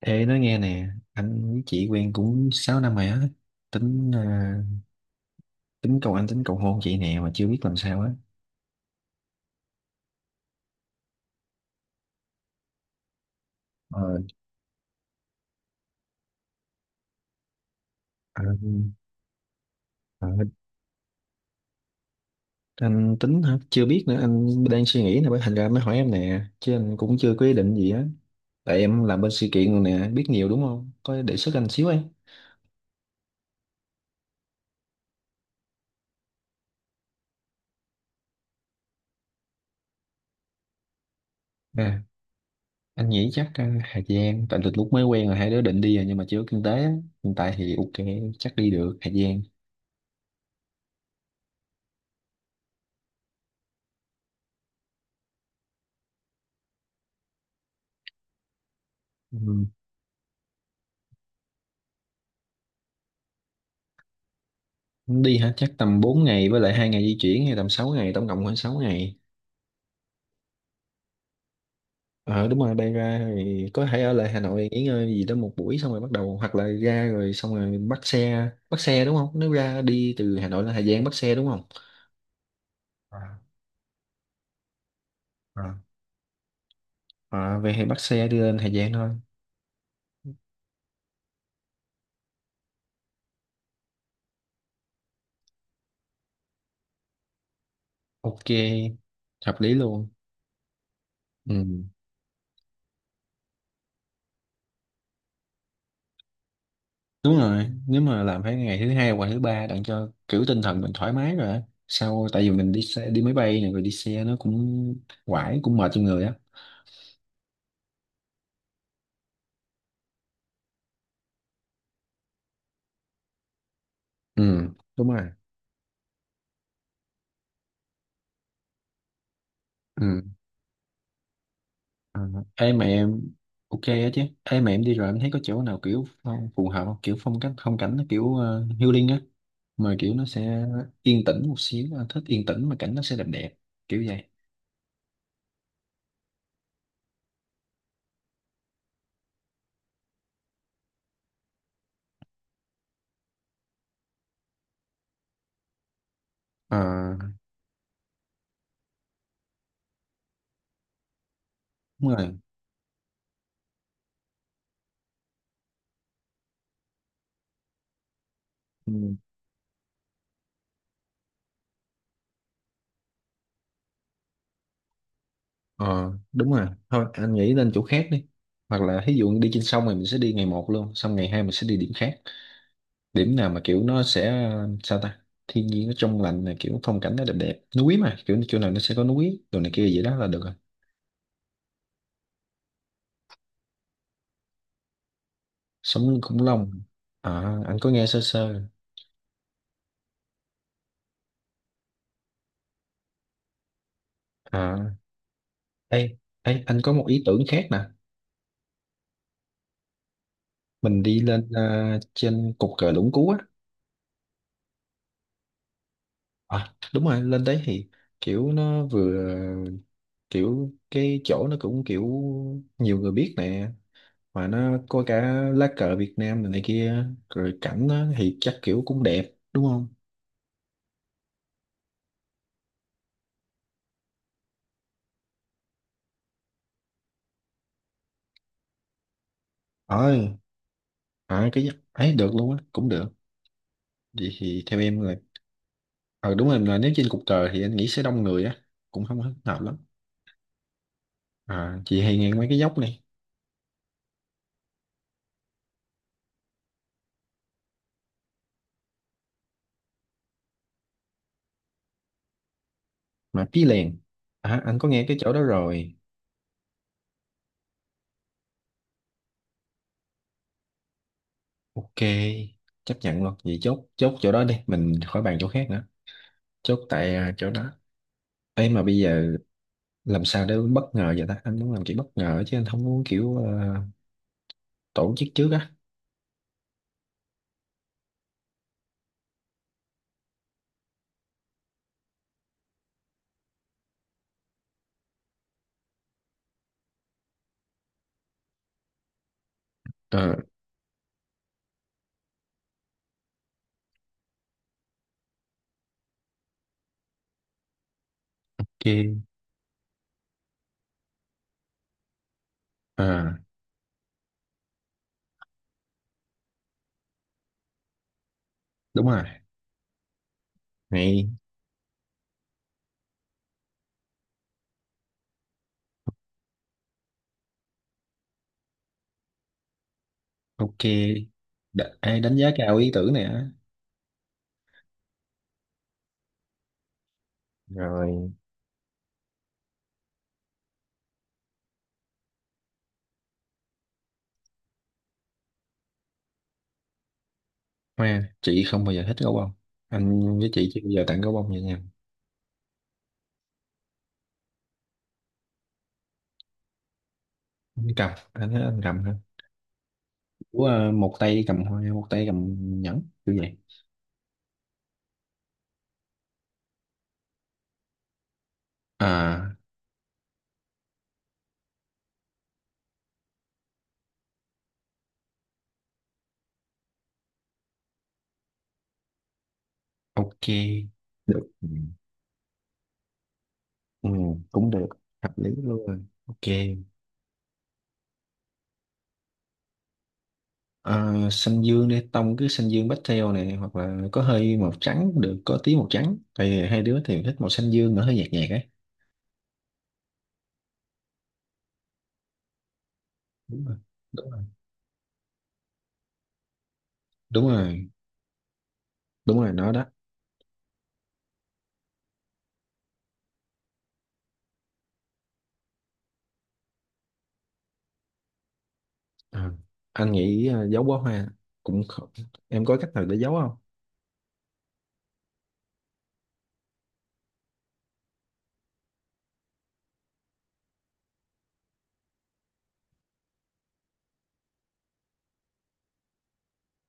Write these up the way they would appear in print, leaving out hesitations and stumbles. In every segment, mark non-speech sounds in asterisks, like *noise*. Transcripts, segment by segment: Ê nói nghe nè. Anh với chị quen cũng 6 năm rồi á. Tính tính cầu anh cầu hôn chị nè, mà chưa biết làm sao á. Ờ, anh, ờ, anh tính hả? Chưa biết nữa, anh đang suy nghĩ nè, bởi thành ra mới hỏi em nè, chứ anh cũng chưa có ý định gì á. Tại em làm bên sự kiện rồi nè, biết nhiều đúng không? Có đề xuất anh xíu em. À, Anh nghĩ chắc Hà Giang. Tại từ lúc mới quen là hai đứa định đi rồi, nhưng mà chưa có kinh tế á. Hiện tại thì ok, chắc đi được Hà Giang. Ừ. Đi hả? Chắc tầm 4 ngày với lại hai ngày di chuyển, hay tầm 6 ngày, tổng cộng khoảng 6 ngày. Ờ đúng rồi, bay ra thì có thể ở lại Hà Nội nghỉ ngơi gì đó một buổi xong rồi bắt đầu, hoặc là ra rồi xong rồi bắt xe đúng không? Nếu ra đi từ Hà Nội lên Hà Giang bắt xe đúng không? À, à. Ờ, về thì bắt xe đi lên Hà Giang thôi. Ok, hợp lý luôn. Ừ. Đúng rồi, nếu mà làm phải ngày thứ hai hoặc thứ ba, đặng cho kiểu tinh thần mình thoải mái rồi á. Sau tại vì mình đi xe đi máy bay này rồi đi xe nó cũng quải, cũng mệt cho người á. Ừ, đúng rồi. Ừ, ừ. Ê mà em ok á chứ? Ê mà em đi rồi, em thấy có chỗ nào kiểu phù hợp không, kiểu phong cách phong cảnh nó kiểu healing á, mà kiểu nó sẽ yên tĩnh một xíu, anh thích yên tĩnh mà cảnh nó sẽ đẹp đẹp kiểu vậy. Ờ, đúng rồi. ừ, ờ, Đúng rồi, thôi anh nghĩ lên chỗ khác đi, hoặc là ví dụ đi trên sông thì mình sẽ đi ngày một luôn, xong ngày hai mình sẽ đi điểm khác. Điểm nào mà kiểu nó sẽ sao ta, thiên nhiên nó trong lành này, kiểu phong cảnh nó đẹp đẹp, núi, mà kiểu chỗ nào nó sẽ có núi đồ này kia vậy đó là được rồi. Sống lưng khủng long à, anh có nghe sơ sơ. à ê, Ê anh có một ý tưởng khác nè, mình đi lên trên cột cờ Lũng Cú á. À đúng rồi, lên đấy thì kiểu nó vừa, kiểu cái chỗ nó cũng kiểu nhiều người biết nè, mà nó có cả lá cờ Việt Nam này, này kia, rồi cảnh nó thì chắc kiểu cũng đẹp đúng không? Ờ. À, cái ấy được luôn á, cũng được. Vậy thì theo em rồi. Ờ đúng rồi, là nếu trên cục cờ thì anh nghĩ sẽ đông người á, cũng không hết hợp lắm. À, chị hay nghe mấy cái dốc này, mà Pí lèn. À, anh có nghe cái chỗ đó rồi. Ok, chấp nhận luôn. Vậy chốt, chốt chỗ đó đi, mình khỏi bàn chỗ khác nữa. Chốt tại chỗ đó. Ê mà bây giờ làm sao để bất ngờ vậy ta? Anh muốn làm kiểu bất ngờ chứ anh không muốn kiểu tổ chức trước á. Ờ, ok. À, đúng rồi. Này, ok. Đánh giá cao ý tưởng này á. Rồi. Hoa, chị không bao giờ thích gấu bông, anh với chị chưa bao giờ tặng gấu bông vậy nha. Anh cầm, anh thấy anh cầm ha. Ủa, ờ, một tay cầm hoa một tay cầm nhẫn kiểu vậy. À, ok được. Ừ, ừ, cũng được. Hợp lý luôn, ok. Xanh dương đi, tông cứ xanh dương pastel này, hoặc là có hơi màu trắng cũng được, có tí màu trắng, tại vì hai đứa thì thích màu xanh dương nó hơi nhạt nhạt ấy. Đúng rồi. Đúng rồi. Đúng rồi. Đúng rồi nó đó. À, anh nghĩ giấu bó hoa cũng không. Em có cách nào để giấu không?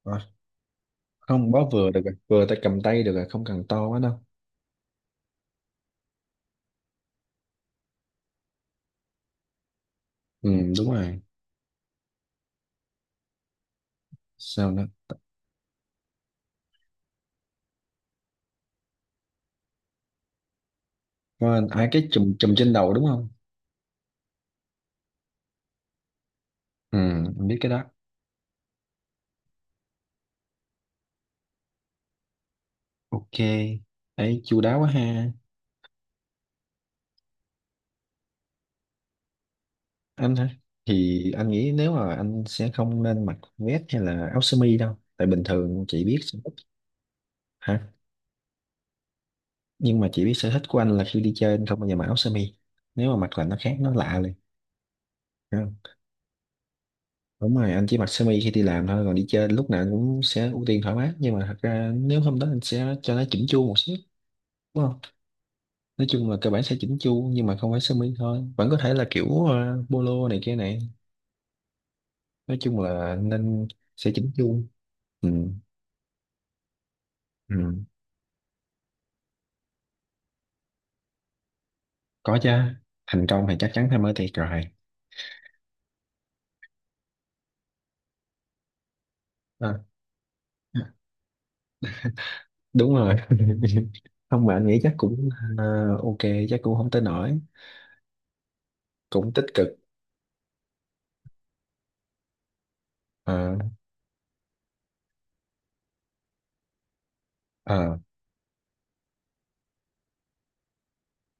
Ờ, không, bó vừa được rồi, vừa tay cầm tay được rồi, không cần to quá đâu. Ừ, đúng rồi. Sao nữa? Có ai cái chùm chùm trên đầu đúng không? Ừ, em biết cái đó. Ok. Ấy chu đáo quá ha. Anh hả? Thì anh nghĩ nếu mà anh sẽ không nên mặc vest hay là áo sơ mi đâu. Tại bình thường chị biết sở thích. Hả? Nhưng mà chị biết sở thích của anh là khi đi chơi anh không bao giờ mặc áo sơ mi. Nếu mà mặc là nó khác, nó lạ liền. Đúng rồi, anh chỉ mặc sơ mi khi đi làm thôi, còn đi chơi lúc nào anh cũng sẽ ưu tiên thoải mái, nhưng mà thật ra nếu hôm đó anh sẽ cho nó chỉnh chu một xíu đúng không? Nói chung là cơ bản sẽ chỉnh chu, nhưng mà không phải sơ mi thôi, vẫn có thể là kiểu polo này kia này, nói chung là nên sẽ chỉnh chu. Ừ, ừ. Có chứ, thành công thì chắc chắn phải mới thiệt rồi. à, Đúng rồi *laughs* không, mà anh nghĩ chắc cũng ờ, ok, chắc cũng không tới nổi, cũng tích cực. Ờ, ờ.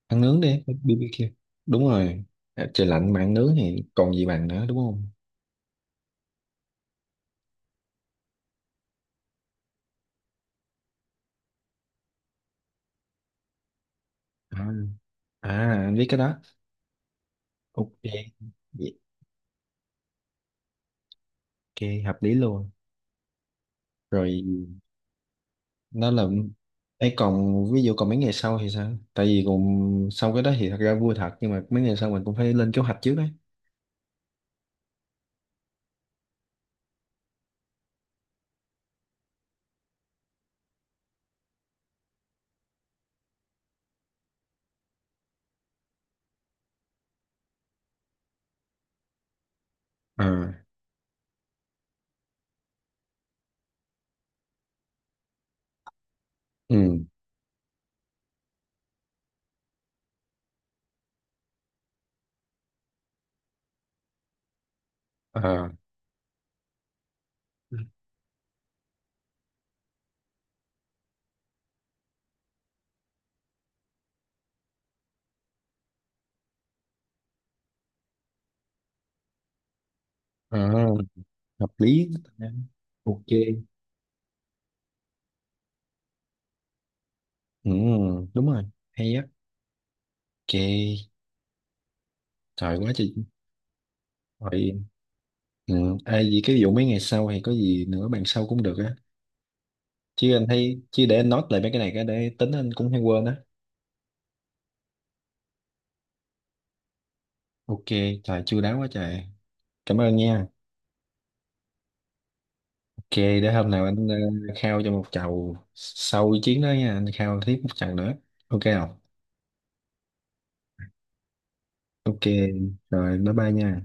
Ăn nướng đi BBQ. Đúng rồi. À, trời lạnh mà ăn nướng thì còn gì bằng nữa đúng không? À, à anh biết cái đó. Ok. Vậy. Ok hợp lý luôn. Rồi nó là. Ấy còn ví dụ còn mấy ngày sau thì sao, tại vì cùng sau cái đó thì thật ra vui thật, nhưng mà mấy ngày sau mình cũng phải lên kế hoạch trước đấy. À, ừ. à, À, hợp lý, ok. Ừ, đúng rồi, hay á. Ok. Trời quá chị. Rồi. Ừ. Ai gì cái vụ mấy ngày sau hay có gì nữa bàn sau cũng được á, chứ anh thấy, chứ để anh note lại mấy cái này cái để tính, anh cũng hay quên á. Ok. Trời chu đáo quá trời, cảm ơn nha. Ok, để hôm nào anh khao cho một chầu, sau chiến đó nha, anh khao tiếp một chầu nữa, ok không? Ok rồi, bye bye nha.